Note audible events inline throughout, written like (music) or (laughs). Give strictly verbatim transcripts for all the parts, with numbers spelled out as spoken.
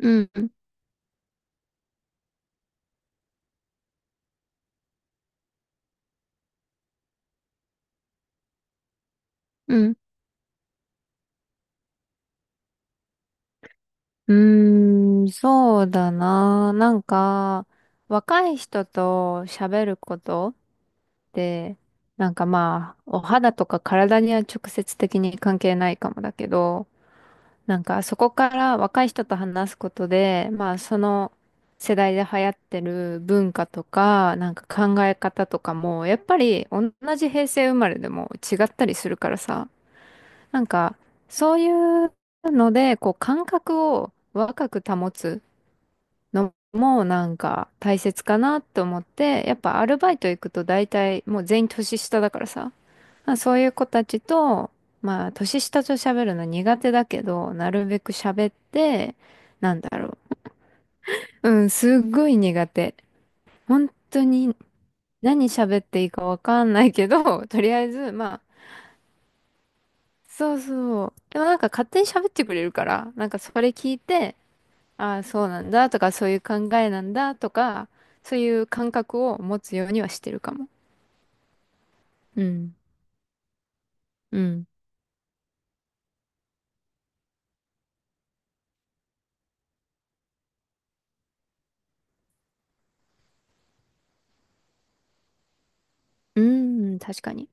うん、うん。うーん、そうだな。なんか、若い人と喋ることって、なんかまあ、お肌とか体には直接的に関係ないかもだけど、なんかそこから若い人と話すことで、まあその世代で流行ってる文化とか、なんか考え方とかも、やっぱり同じ平成生まれでも違ったりするからさ、なんか、そういうので、こう、感覚を若く保つのも、なんか、大切かなと思って、やっぱアルバイト行くと大体、もう全員年下だからさ、まあ、そういう子たちと、まあ、年下と喋るの苦手だけど、なるべく喋って、なんだろう。うん、すっごい苦手。本当に何喋っていいかわかんないけど、(laughs) とりあえず、まあ、そうそう。でもなんか勝手に喋ってくれるから、なんかそれ聞いて、ああ、そうなんだとか、そういう考えなんだとか、そういう感覚を持つようにはしてるかも。うん。うん。うん、確かに。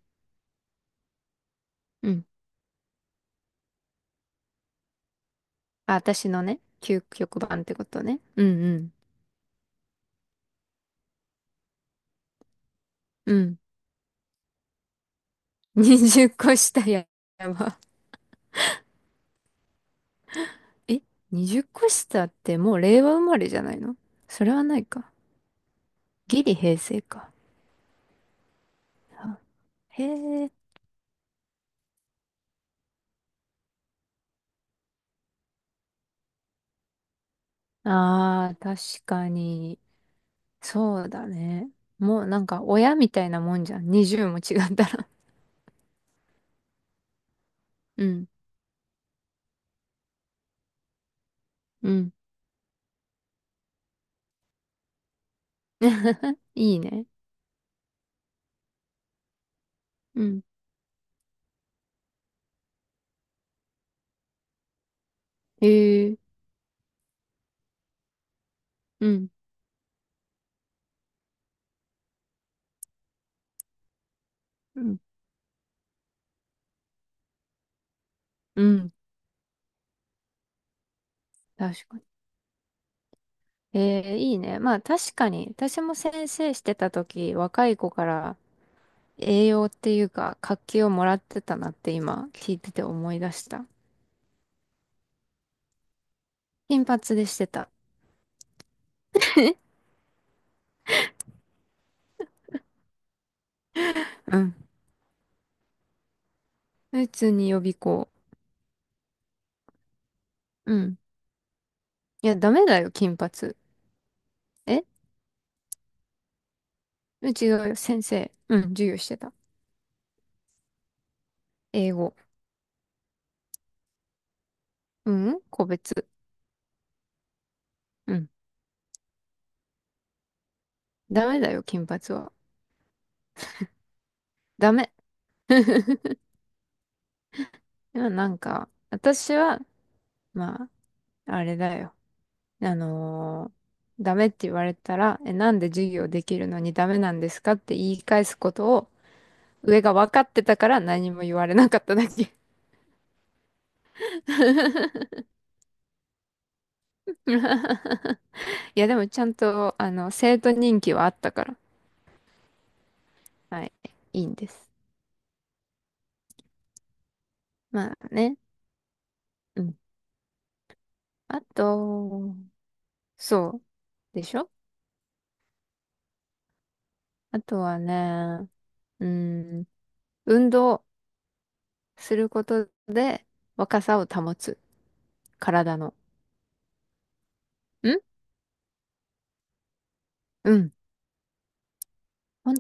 うん。あ、私のね、究極版ってことね。うんうん。うん。(laughs) にじゅっこ下や、やば。え？ にじゅう 個下ってもう令和生まれじゃないの？それはないか。ギリ平成か。あへえ。ああ、確かに。そうだね。もうなんか親みたいなもんじゃん。にじゅうも違ったら。うんうん。(laughs) いいね。うん。へえ。うん。うん。うん。確かに。ええ、いいね。まあ確かに、私も先生してた時、若い子から栄養っていうか、活気をもらってたなって今聞いてて思い出した。金髪でしてた。(laughs) うん。普通に予備校。うん。いや、ダメだよ、金髪。え、違う、ちが先生。うん、授業してた。英語。うん、個別。うん。ダメだよ、金髪は。ダメ。(laughs) でもなんか、私は、まあ、あれだよ。あのーダメって言われたら、え、なんで授業できるのにダメなんですかって言い返すことを、上が分かってたから何も言われなかっただけ。(laughs) いや、でもちゃんと、あの、生徒人気はあったから、はい、いいんです。まあね、うん。あと、そう、でしょ？あとはね、うん、運動。することで若さを保つ。体の。んうん。ほん、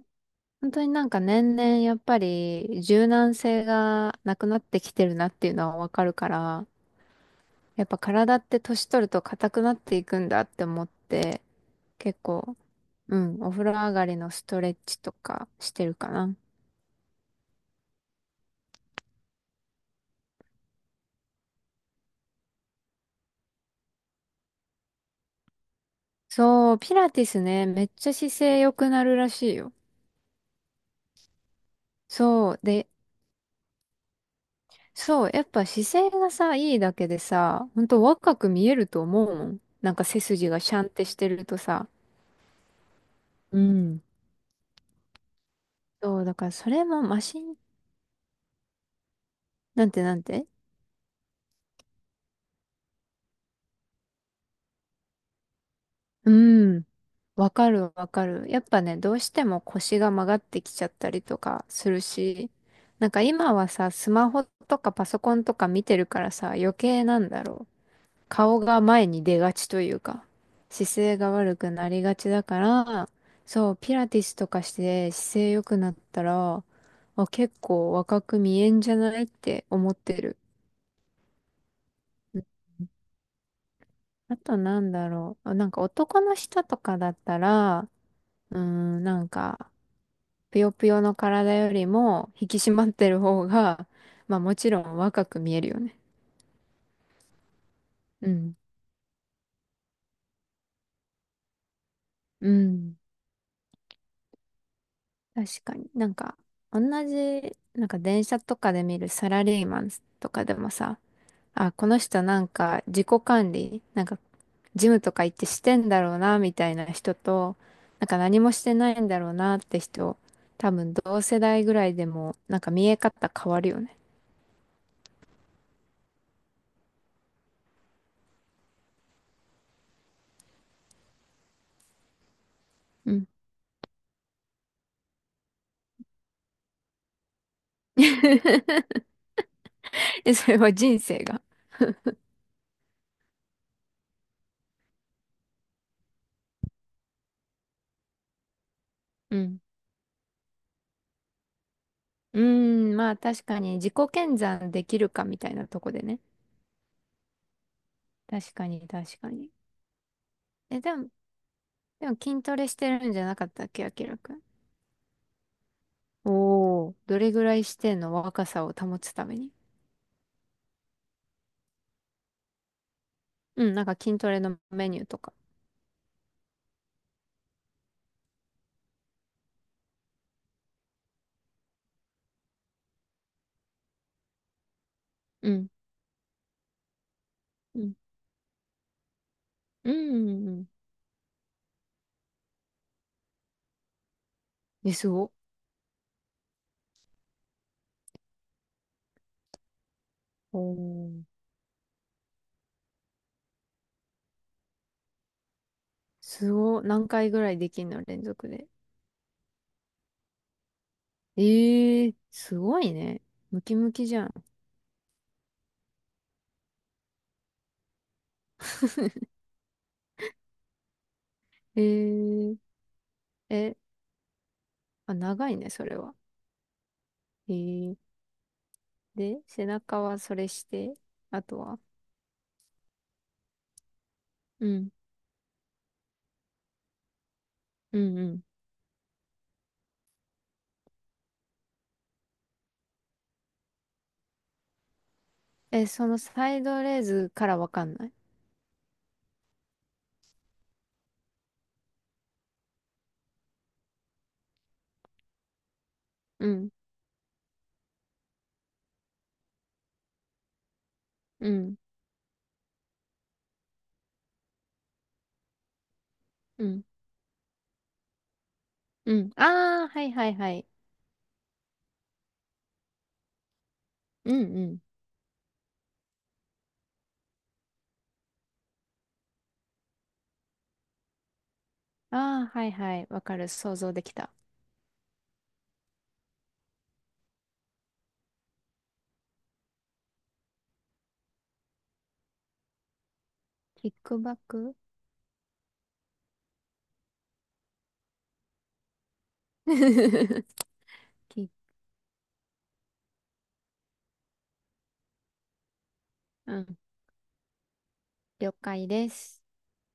本当になんか年々やっぱり柔軟性がなくなってきてるなっていうのはわかるから、やっぱ体って年取ると硬くなっていくんだって思って、結構、うん、お風呂上がりのストレッチとかしてるかな。そう、ピラティスね、めっちゃ姿勢良くなるらしいよ。そう。で、そう、やっぱ姿勢がさ、いいだけでさ、ほんと若く見えると思うもん。なんか背筋がシャンってしてるとさ。うん。そう、だからそれもマシン、なんてなんてうん、わかるわかる。やっぱね、どうしても腰が曲がってきちゃったりとかするし、なんか今はさ、スマホとかパソコンとか見てるからさ、余計なんだろう。顔が前に出がちというか、姿勢が悪くなりがちだから、そう、ピラティスとかして姿勢良くなったら、あ、結構若く見えんじゃないって思ってる。うん。あとなんだろう。あなんか男の人とかだったら、うーん、なんか、ぷよぷよの体よりも引き締まってる方が、まあもちろん若く見えるよね。うん。うん。確かに。なんか、同じ、なんか電車とかで見るサラリーマンとかでもさ、あ、この人なんか自己管理、なんかジムとか行ってしてんだろうな、みたいな人と、なんか何もしてないんだろうなって人、多分同世代ぐらいでも、なんか見え方変わるよね。うん。(laughs) え、それは人生が？うん。うーん、まあ確かに自己検算できるかみたいなとこでね。確かに、確かに。え、でもでも筋トレしてるんじゃなかったっけ、あきらくん。おー。どれぐらいしてんの？若さを保つために。うん、なんか筋トレのメニューとか。うん。うん。うん。うんうん。え、すご。おー。すご。何回ぐらいできんの連続で？えー、すごいね。ムキムキじゃん。(laughs) えー、え、あ、長いね、それは。えー、で、背中はそれして、あとは。うん。うん。うん。え、そのサイドレーズからわかんない。うん。うん。うん。うん。ああ、はいはいはい。うんうん。ああ、はいはい。わかる。想像できた。キックバック。 (laughs) キック。 (laughs) うん。了解です。